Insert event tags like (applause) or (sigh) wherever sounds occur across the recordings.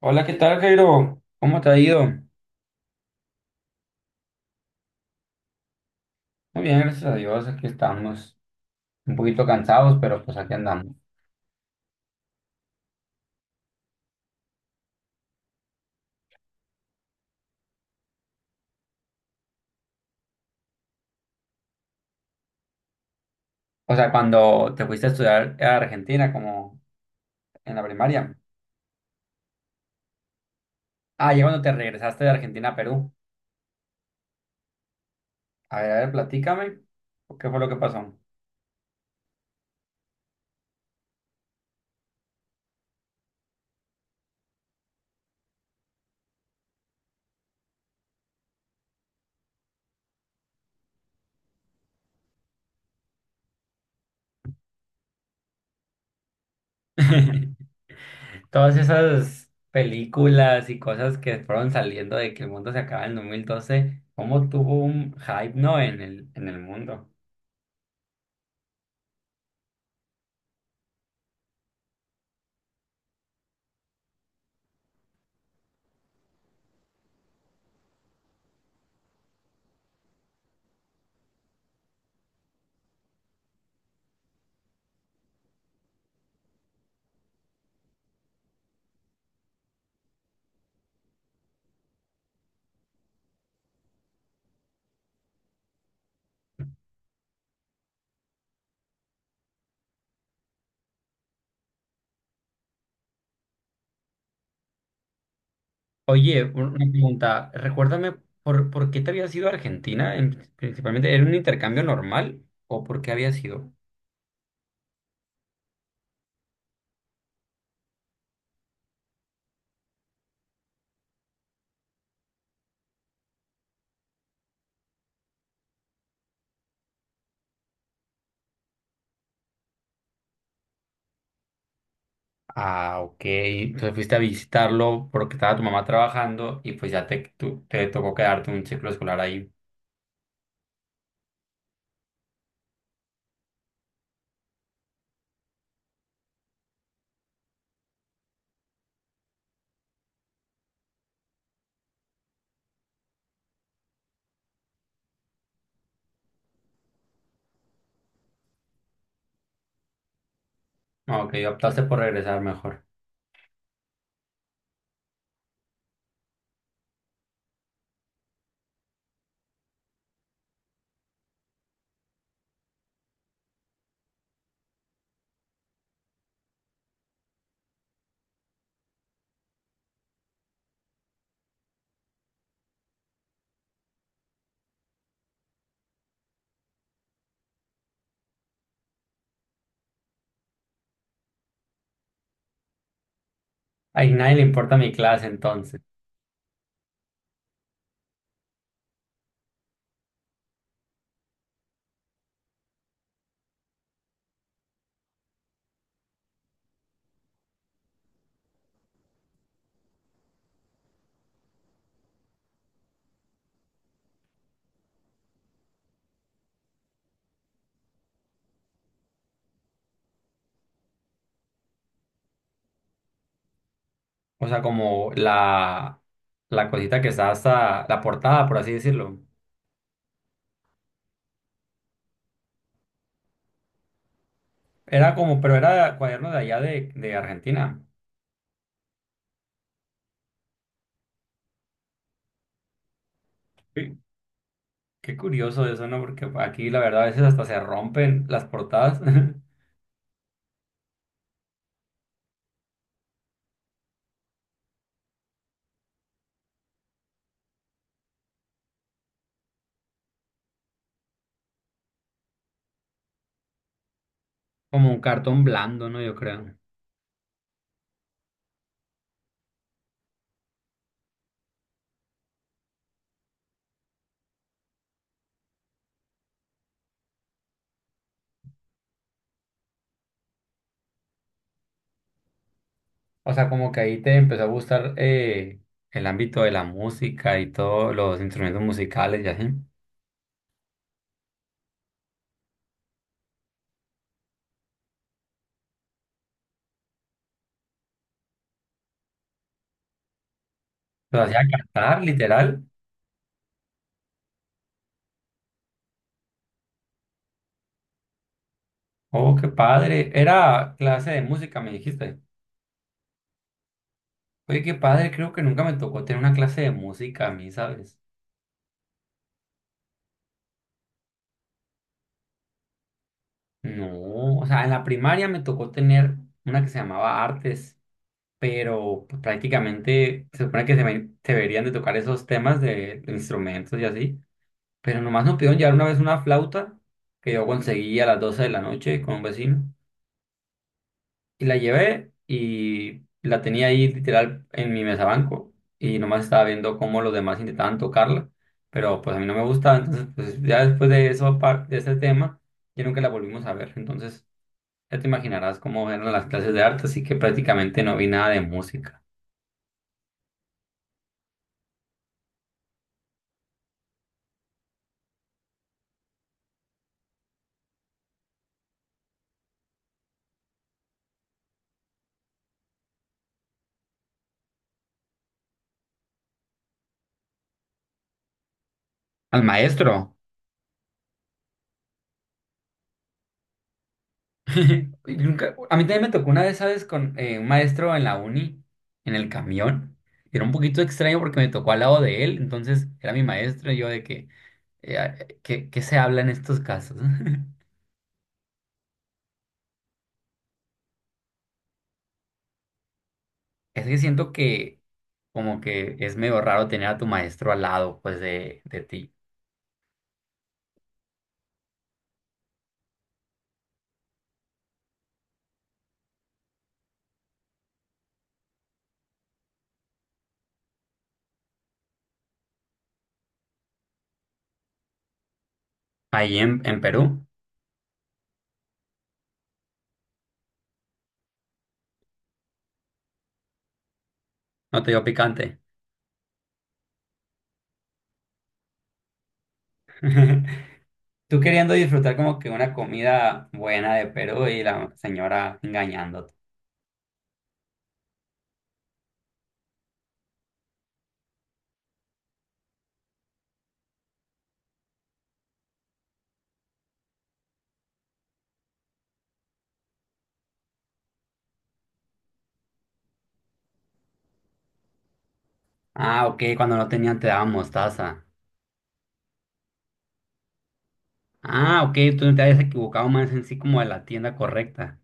Hola, ¿qué tal, Jairo? ¿Cómo te ha ido? Muy bien, gracias a Dios, aquí estamos. Un poquito cansados, pero pues aquí andamos. O sea, cuando te fuiste a estudiar a Argentina, como en la primaria. Ah, ya cuando te regresaste de Argentina a Perú. A ver, platícame. ¿Qué fue lo que pasó? (laughs) Todas esas películas y cosas que fueron saliendo de que el mundo se acaba en 2012, ¿cómo tuvo un hype, no? En el mundo. Oye, una pregunta. Recuérdame, ¿por qué te habías ido a Argentina? En- principalmente, ¿era un intercambio normal o por qué habías ido? Ah, ok. Entonces fuiste a visitarlo porque estaba tu mamá trabajando y pues ya te, tu- te tocó quedarte un ciclo escolar ahí. Ah, ok, optaste por regresar mejor. A nadie le importa mi clase entonces. O sea, como la cosita que está hasta la portada, por así decirlo. Era como, pero era cuaderno de allá de Argentina. Qué curioso eso, ¿no? Porque aquí la verdad a veces hasta se rompen las portadas. (laughs) Como un cartón blando, ¿no? Yo creo. O sea, como que ahí te empezó a gustar el ámbito de la música y todos los instrumentos musicales y así. Lo hacía cantar, literal. Oh, qué padre. Era clase de música, me dijiste. Oye, qué padre, creo que nunca me tocó tener una clase de música a mí, ¿sabes? No, o sea, en la primaria me tocó tener una que se llamaba artes. Pero pues, prácticamente se supone que se, me- se deberían de tocar esos temas de instrumentos y así, pero nomás nos pidieron llevar una vez una flauta que yo conseguí a las 12 de la noche con un vecino y la llevé y la tenía ahí literal en mi mesa banco y nomás estaba viendo cómo los demás intentaban tocarla, pero pues a mí no me gustaba, entonces pues ya después de eso, par- de ese tema, ya nunca la volvimos a ver, entonces... Ya te imaginarás cómo eran las clases de arte, así que prácticamente no vi nada de música. Al maestro. (laughs) Y nunca- a mí también me tocó una vez, ¿sabes? Con un maestro en la uni, en el camión. Era un poquito extraño porque me tocó al lado de él, entonces era mi maestro y yo de que, eh, ah, ¿qué, qué se habla en estos casos? (laughs) Es que siento que como que es medio raro tener a tu maestro al lado, pues, de ti. Ahí en Perú, no te dio picante. (laughs) Tú queriendo disfrutar como que una comida buena de Perú y la señora engañándote. Ah, ok, cuando no tenían te daban mostaza. Ah, ok, tú no te habías equivocado más en sí como de la tienda correcta.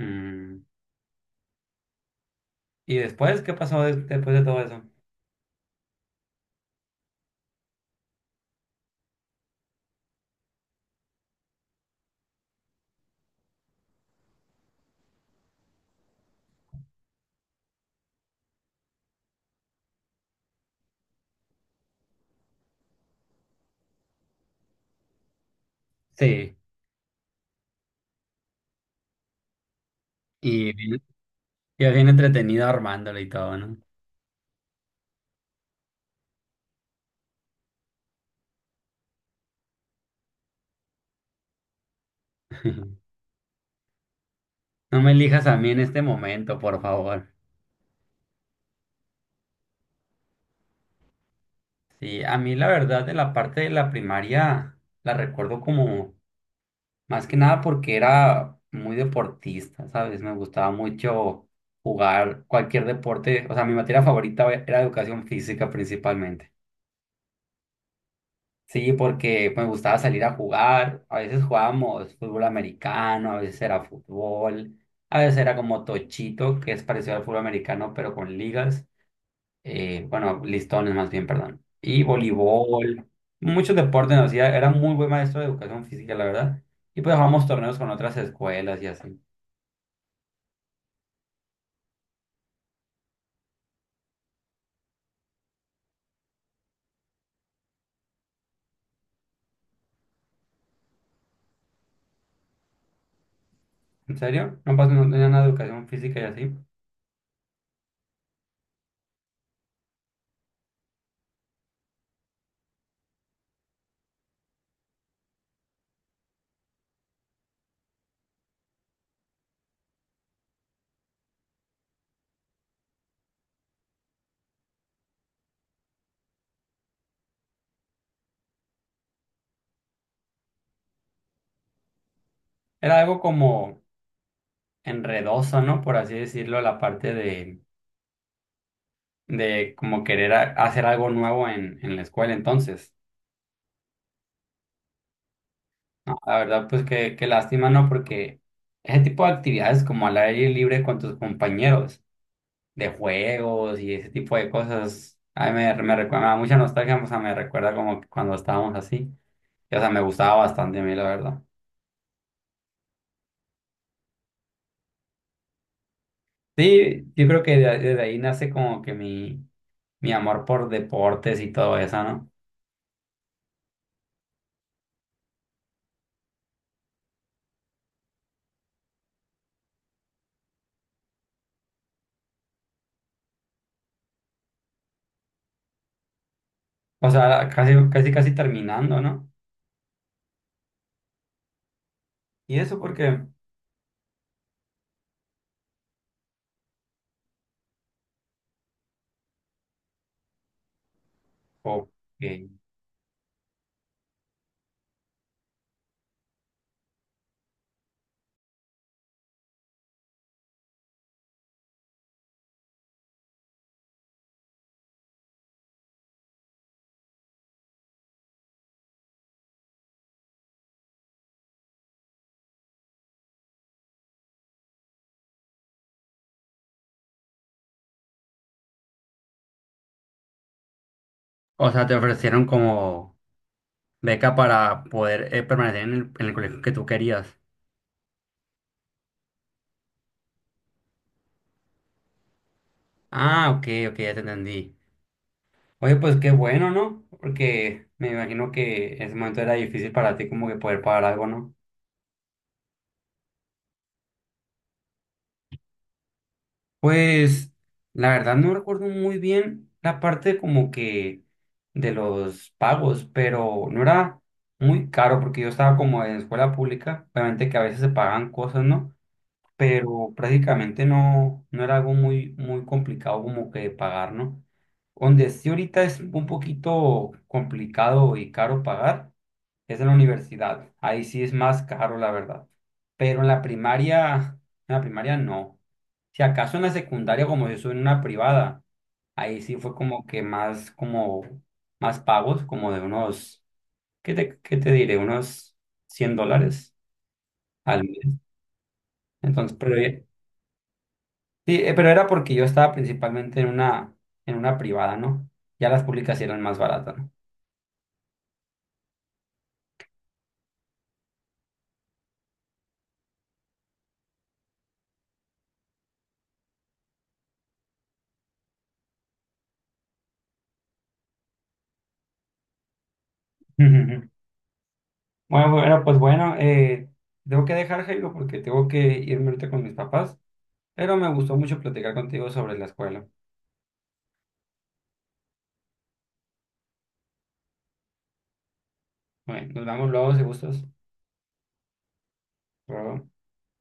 Mm, ¿y después qué pasó des- después de todo eso? Sí, y bien, y bien entretenido armándole y todo, ¿no? (laughs) No me elijas a mí en este momento, por favor. Sí, a mí la verdad de la parte de la primaria la recuerdo como más que nada porque era muy deportista, ¿sabes? Me gustaba mucho jugar cualquier deporte. O sea, mi materia favorita era educación física principalmente. Sí, porque me gustaba salir a jugar. A veces jugábamos fútbol americano, a veces era fútbol, a veces era como tochito, que es parecido al fútbol americano, pero con ligas. Bueno, listones más bien, perdón. Y voleibol, muchos deportes nos hacía. Era muy buen maestro de educación física, la verdad. Y pues jugábamos torneos con otras escuelas y así. ¿En serio? No, pas- no tenía nada de educación física y así. Era algo como enredoso, ¿no? Por así decirlo, la parte de como querer a- hacer algo nuevo en la escuela. Entonces, no, la verdad, pues qué, qué lástima, ¿no? Porque ese tipo de actividades como al aire libre con tus compañeros, de juegos y ese tipo de cosas, a mí me, me recuerda, me da mucha nostalgia, o sea, me recuerda como que cuando estábamos así. Y, o sea, me gustaba bastante a mí, la verdad. Sí, yo creo que de- desde ahí nace como que mi amor por deportes y todo eso, ¿no? O sea, casi, casi, casi terminando, ¿no? Y eso porque... Ok. O sea, te ofrecieron como beca para poder permanecer en el colegio que tú querías. Ah, ok, ok, ya te entendí. Oye, pues qué bueno, ¿no? Porque me imagino que en ese momento era difícil para ti como que poder pagar algo, ¿no? Pues la verdad no recuerdo muy bien la parte como que de los pagos, pero no era muy caro porque yo estaba como en escuela pública, obviamente que a veces se pagan cosas, ¿no? Pero prácticamente no, no era algo muy, muy complicado como que de pagar, ¿no? Donde sí ahorita es un poquito complicado y caro pagar es en la universidad. Ahí sí es más caro, la verdad. Pero en la primaria no. Si acaso en la secundaria, como yo soy en una privada, ahí sí fue como que más, como, más pagos, como de unos, qué te diré? Unos $100 al mes. Entonces, pero ya- Sí, pero era porque yo estaba principalmente en una privada, ¿no? Ya las públicas sí eran más baratas, ¿no? (laughs) Bueno, bueno, pues bueno, tengo que dejar, Jairo, porque tengo que irme ahorita con mis papás, pero me gustó mucho platicar contigo sobre la escuela. Bueno, nos vemos luego, si gustas. Hasta luego.